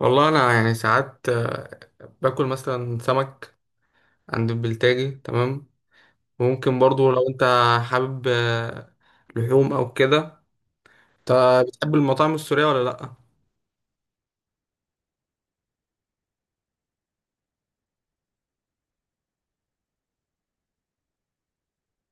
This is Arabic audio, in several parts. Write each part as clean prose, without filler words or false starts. والله انا يعني ساعات باكل مثلا سمك عند البلتاجي. تمام. وممكن برضو لو انت حابب لحوم او كده. انت بتحب المطاعم السورية ولا لا؟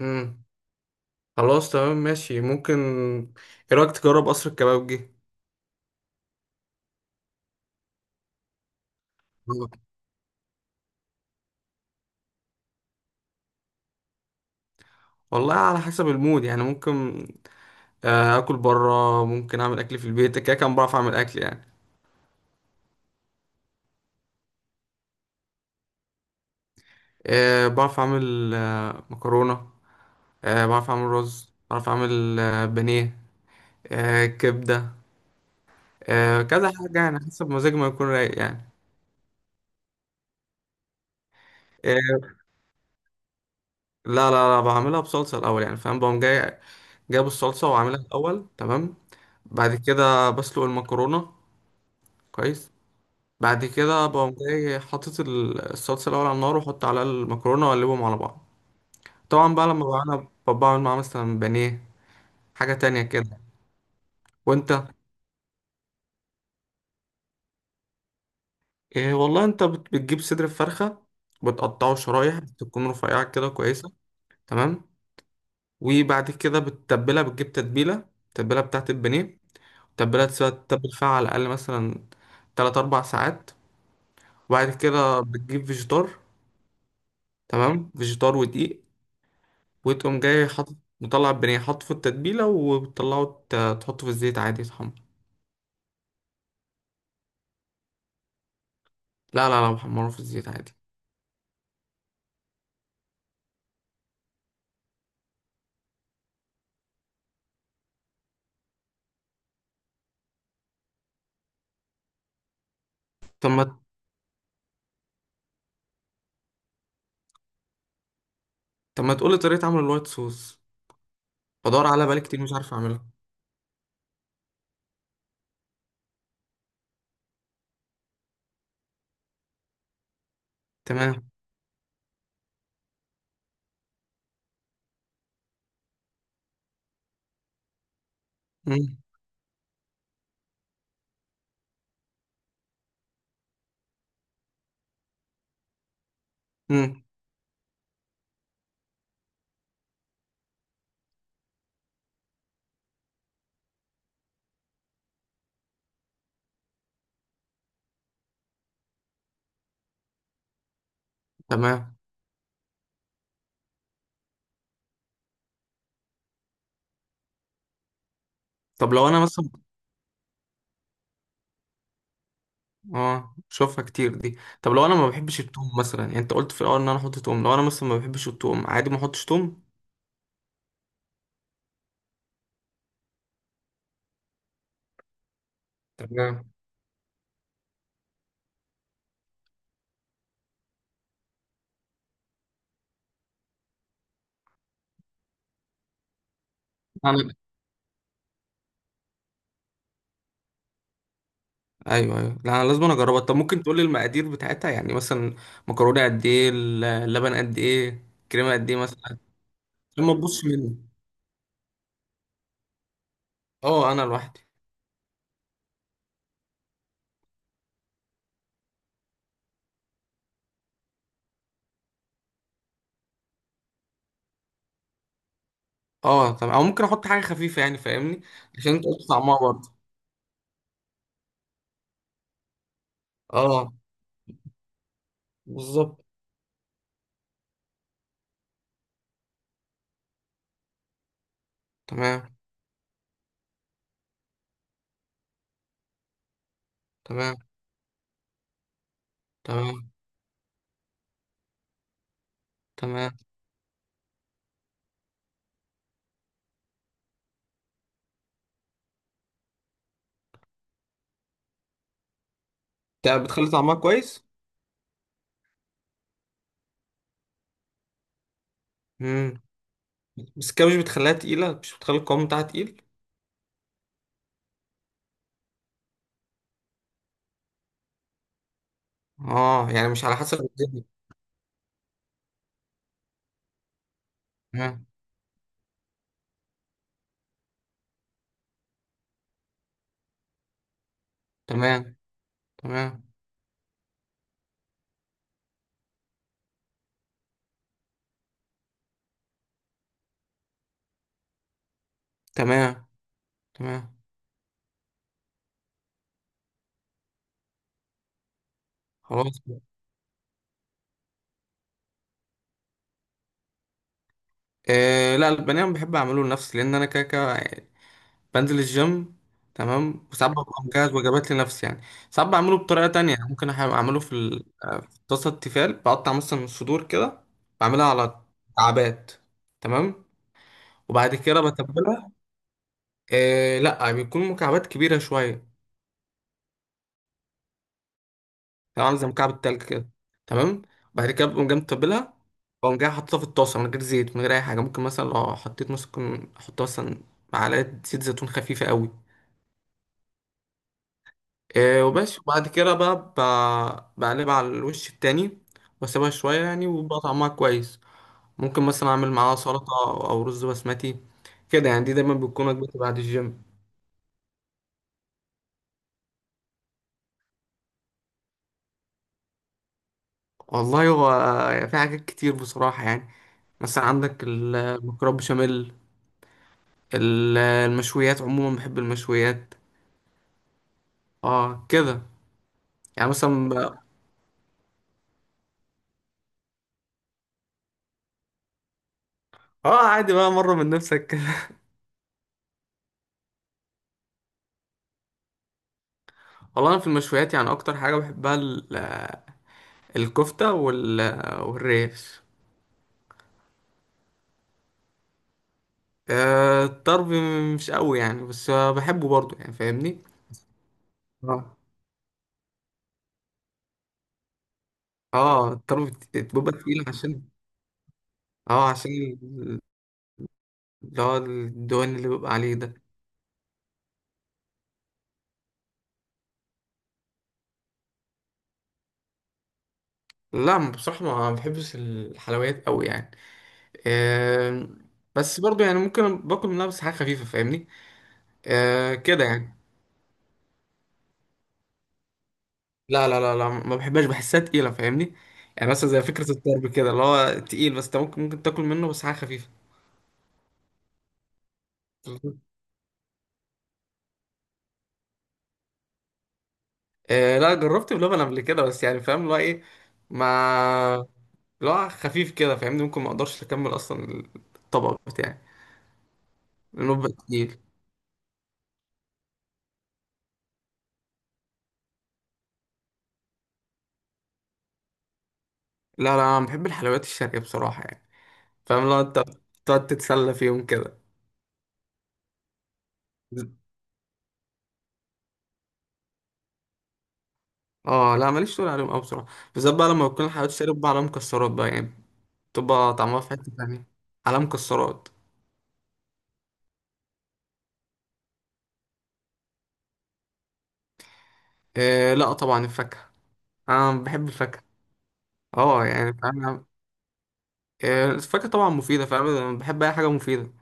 امم خلاص، تمام، ماشي. ممكن ايه رايك تجرب قصر الكبابجي. والله على حسب المود يعني، ممكن اكل بره، ممكن اعمل اكل في البيت. كده كان بعرف اعمل اكل يعني. بعرف اعمل مكرونة، بعرف اعمل رز، بعرف اعمل بانيه، كبدة، كذا حاجة يعني، حسب مزاجي ما يكون رايق يعني. آه، لا لا لا، بعملها بصلصة الأول يعني، فاهم؟ بقوم جاي جايب الصلصة وعاملها الأول. تمام، بعد كده بسلق المكرونة، كويس. بعد كده بقوم جاي حاطط الصلصة الأول على النار، وأحط عليها المكرونة وأقلبهم على بعض. طبعا بقى لما بقى أنا بعمل معاها مثلا بانيه، حاجة تانية كده. وأنت إيه والله، أنت بتجيب صدر الفرخة، بتقطعه شرايح تكون رفيعة كده كويسة. تمام، وبعد كده بتتبلها، بتجيب تتبيلة، التتبيلة بتاعت البانيه. التتبيلة تسيبها تتبل فيها على الأقل مثلا 3 4 ساعات. وبعد كده بتجيب فيجيتار. تمام، فيجيتار ودقيق، وتقوم جاي حاطط مطلع البانيه، حاطه في التتبيلة، وبتطلعه تحطه في الزيت عادي يتحمر. لا لا لا، محمره في الزيت عادي. طب ما، طب ما تقولي طريقة عمل الوايت صوص؟ بدور عليها بقالي كتير، مش عارف أعملها. تمام. مم. مم. تمام. طب لو أنا مثلا، اه بشوفها كتير دي. طب لو انا ما بحبش التوم مثلا يعني، انت قلت في الاول ان انا احط توم، لو انا مثلا ما بحبش التوم، عادي ما احطش توم؟ تمام. انا، ايوه ايوه، لا انا لازم أنا اجربها. طب ممكن تقول لي المقادير بتاعتها يعني، مثلا مكرونه قد ايه، اللبن قد ايه، كريمه قد ايه مثلا؟ عشان ما تبصش مني. اه انا لوحدي. اه، طب او ممكن احط حاجه خفيفه يعني، فاهمني؟ عشان انت قلت طعمها برضه. اه بالظبط. تمام. تمام. تمام. تمام، انت بتخلي طعمها كويس. مم. بس كده مش بتخليها تقيلة، مش بتخلي القوام بتاعها تقيل؟ اه يعني مش على حسب الدنيا. تمام. تمام. تمام. تمام. تمام. خلاص. آه لا، البنان بحب اعمله لنفسي، لان انا كده كده بنزل الجيم. تمام، وساعات ببقى مجهز وجبات لنفسي يعني. ساعات بعمله بطريقة تانية يعني، ممكن اعمله في في طاسة التيفال، بقطع مثلا الصدور كده، بعملها على مكعبات. تمام. وبعد كده بتبلها. آه لا، بيكون مكعبات كبيرة شوية، تبقى عامله زي مكعب التلج كده. تمام. بعد كده بقوم جاي متبلها، بقوم جاي حاططها في الطاسه من غير زيت، من غير اي حاجه. ممكن مثلا لو حطيت، ممكن احط مثلا معلقه زيت زيتون خفيفه قوي. إيه وبس، وبعد كده بقى بقلبها على الوش التاني واسيبها شويه يعني، وبقى طعمها كويس. ممكن مثلا اعمل معاها سلطه او رز بسمتي كده يعني. دي دايما بتكون وجبتي بعد الجيم. والله هو في حاجات كتير بصراحه يعني. مثلا عندك المكرونه بشاميل، المشويات عموما، بحب المشويات. اه كده يعني، مثلا بقى، اه عادي بقى، مرة من نفسك كده. والله انا في المشويات يعني اكتر حاجة بحبها الكفتة وال... والريش. آه الطرب مش قوي يعني، بس بحبه برضه يعني، فاهمني؟ اه اه الطرب بيبقى تقيل عشان، اه عشان ال- اللي هو الدهون اللي بيبقى عليه ده. لا بصراحة ما بحبش الحلويات قوي يعني. آه، بس برضه يعني، ممكن باكل منها بس حاجة خفيفة، فاهمني؟ آه كده يعني. لا لا لا لا، ما بحبهاش، بحسها تقيلة فاهمني؟ يعني مثلا زي فكرة الطرب كده اللي هو تقيل، بس انت ممكن ممكن تاكل منه بس حاجة خفيفة. آه لا، جربت بلبن قبل كده، بس يعني فاهم اللي هو ايه، ما اللي هو خفيف كده، فاهمني؟ ممكن ما اقدرش اكمل اصلا الطبق بتاعي لانه بيبقى تقيل. لا لا، انا بحب الحلويات الشرقية بصراحة يعني، فاهم؟ لو انت تقعد تتسلى فيهم كده. اه لا، ماليش تقول عليهم قوي بصراحة. بالذات بقى لما بكون الحلويات الشرقية بقى عليها مكسرات بقى يعني، تبقى طعمها في حتة تانية، على مكسرات. إيه لا طبعا الفاكهة، أنا بحب الفاكهة. اه يعني فاهم، إيه الفاكهة طبعا مفيدة، فاهم؟ أنا بحب أي حاجة مفيدة.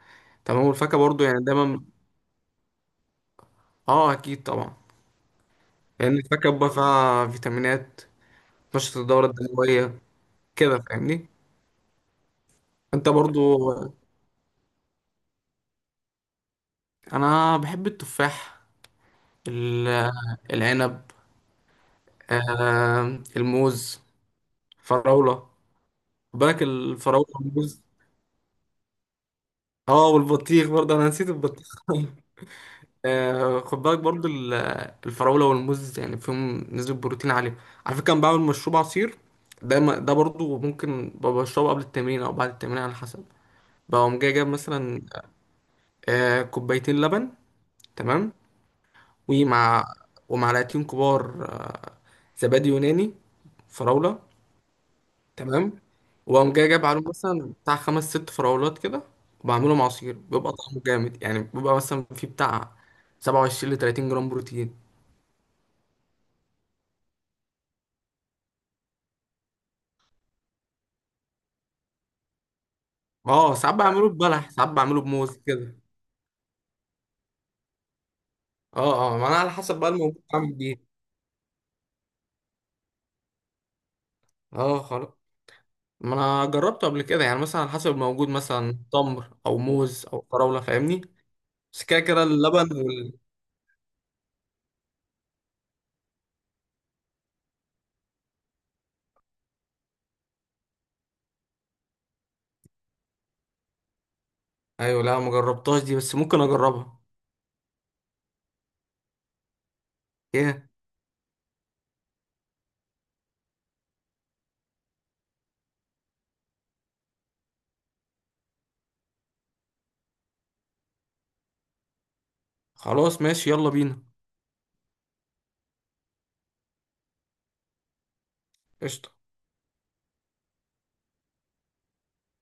تمام، والفاكهة برضو يعني دايما. اه أكيد طبعا، لأن الفاكهة بقى فيها فيتامينات تنشط الدورة الدموية كده، فاهمني؟ أنت برضو أنا بحب التفاح، ال- العنب، آه الموز، الفراولة. خد بالك الفراولة والموز. اه والبطيخ برضه، أنا نسيت البطيخ. خد بالك برضو الفراولة والموز يعني فيهم نسبة بروتين عالية. على فكرة أنا بعمل مشروب عصير ده، ده برضو ممكن ببقى بشربه قبل التمرين أو بعد التمرين على حسب. بقوم جاي جايب مثلا 2 كوباية لبن. تمام. ومع ومعلقتين كبار زبادي يوناني فراولة. تمام. وأقوم جاي جايب عليهم مثلا بتاع 5 6 فراولات كده، وبعملهم عصير بيبقى طعمه جامد يعني. بيبقى مثلا فيه بتاع 27 30 جرام بروتين. اه ساعات بعمله ببلح، ساعات بعمله بموز كده. اه اه، ما انا على حسب بقى الموجود بعمل بيه. اه خلاص، ما انا جربته قبل كده يعني مثلا على حسب الموجود، مثلا تمر او موز او فراوله، فاهمني؟ بس كده كده اللبن وال... ايوه لا، ما جربتهاش دي، بس ممكن اجربها. ايه خلاص ماشي، يلا بينا. قشطه.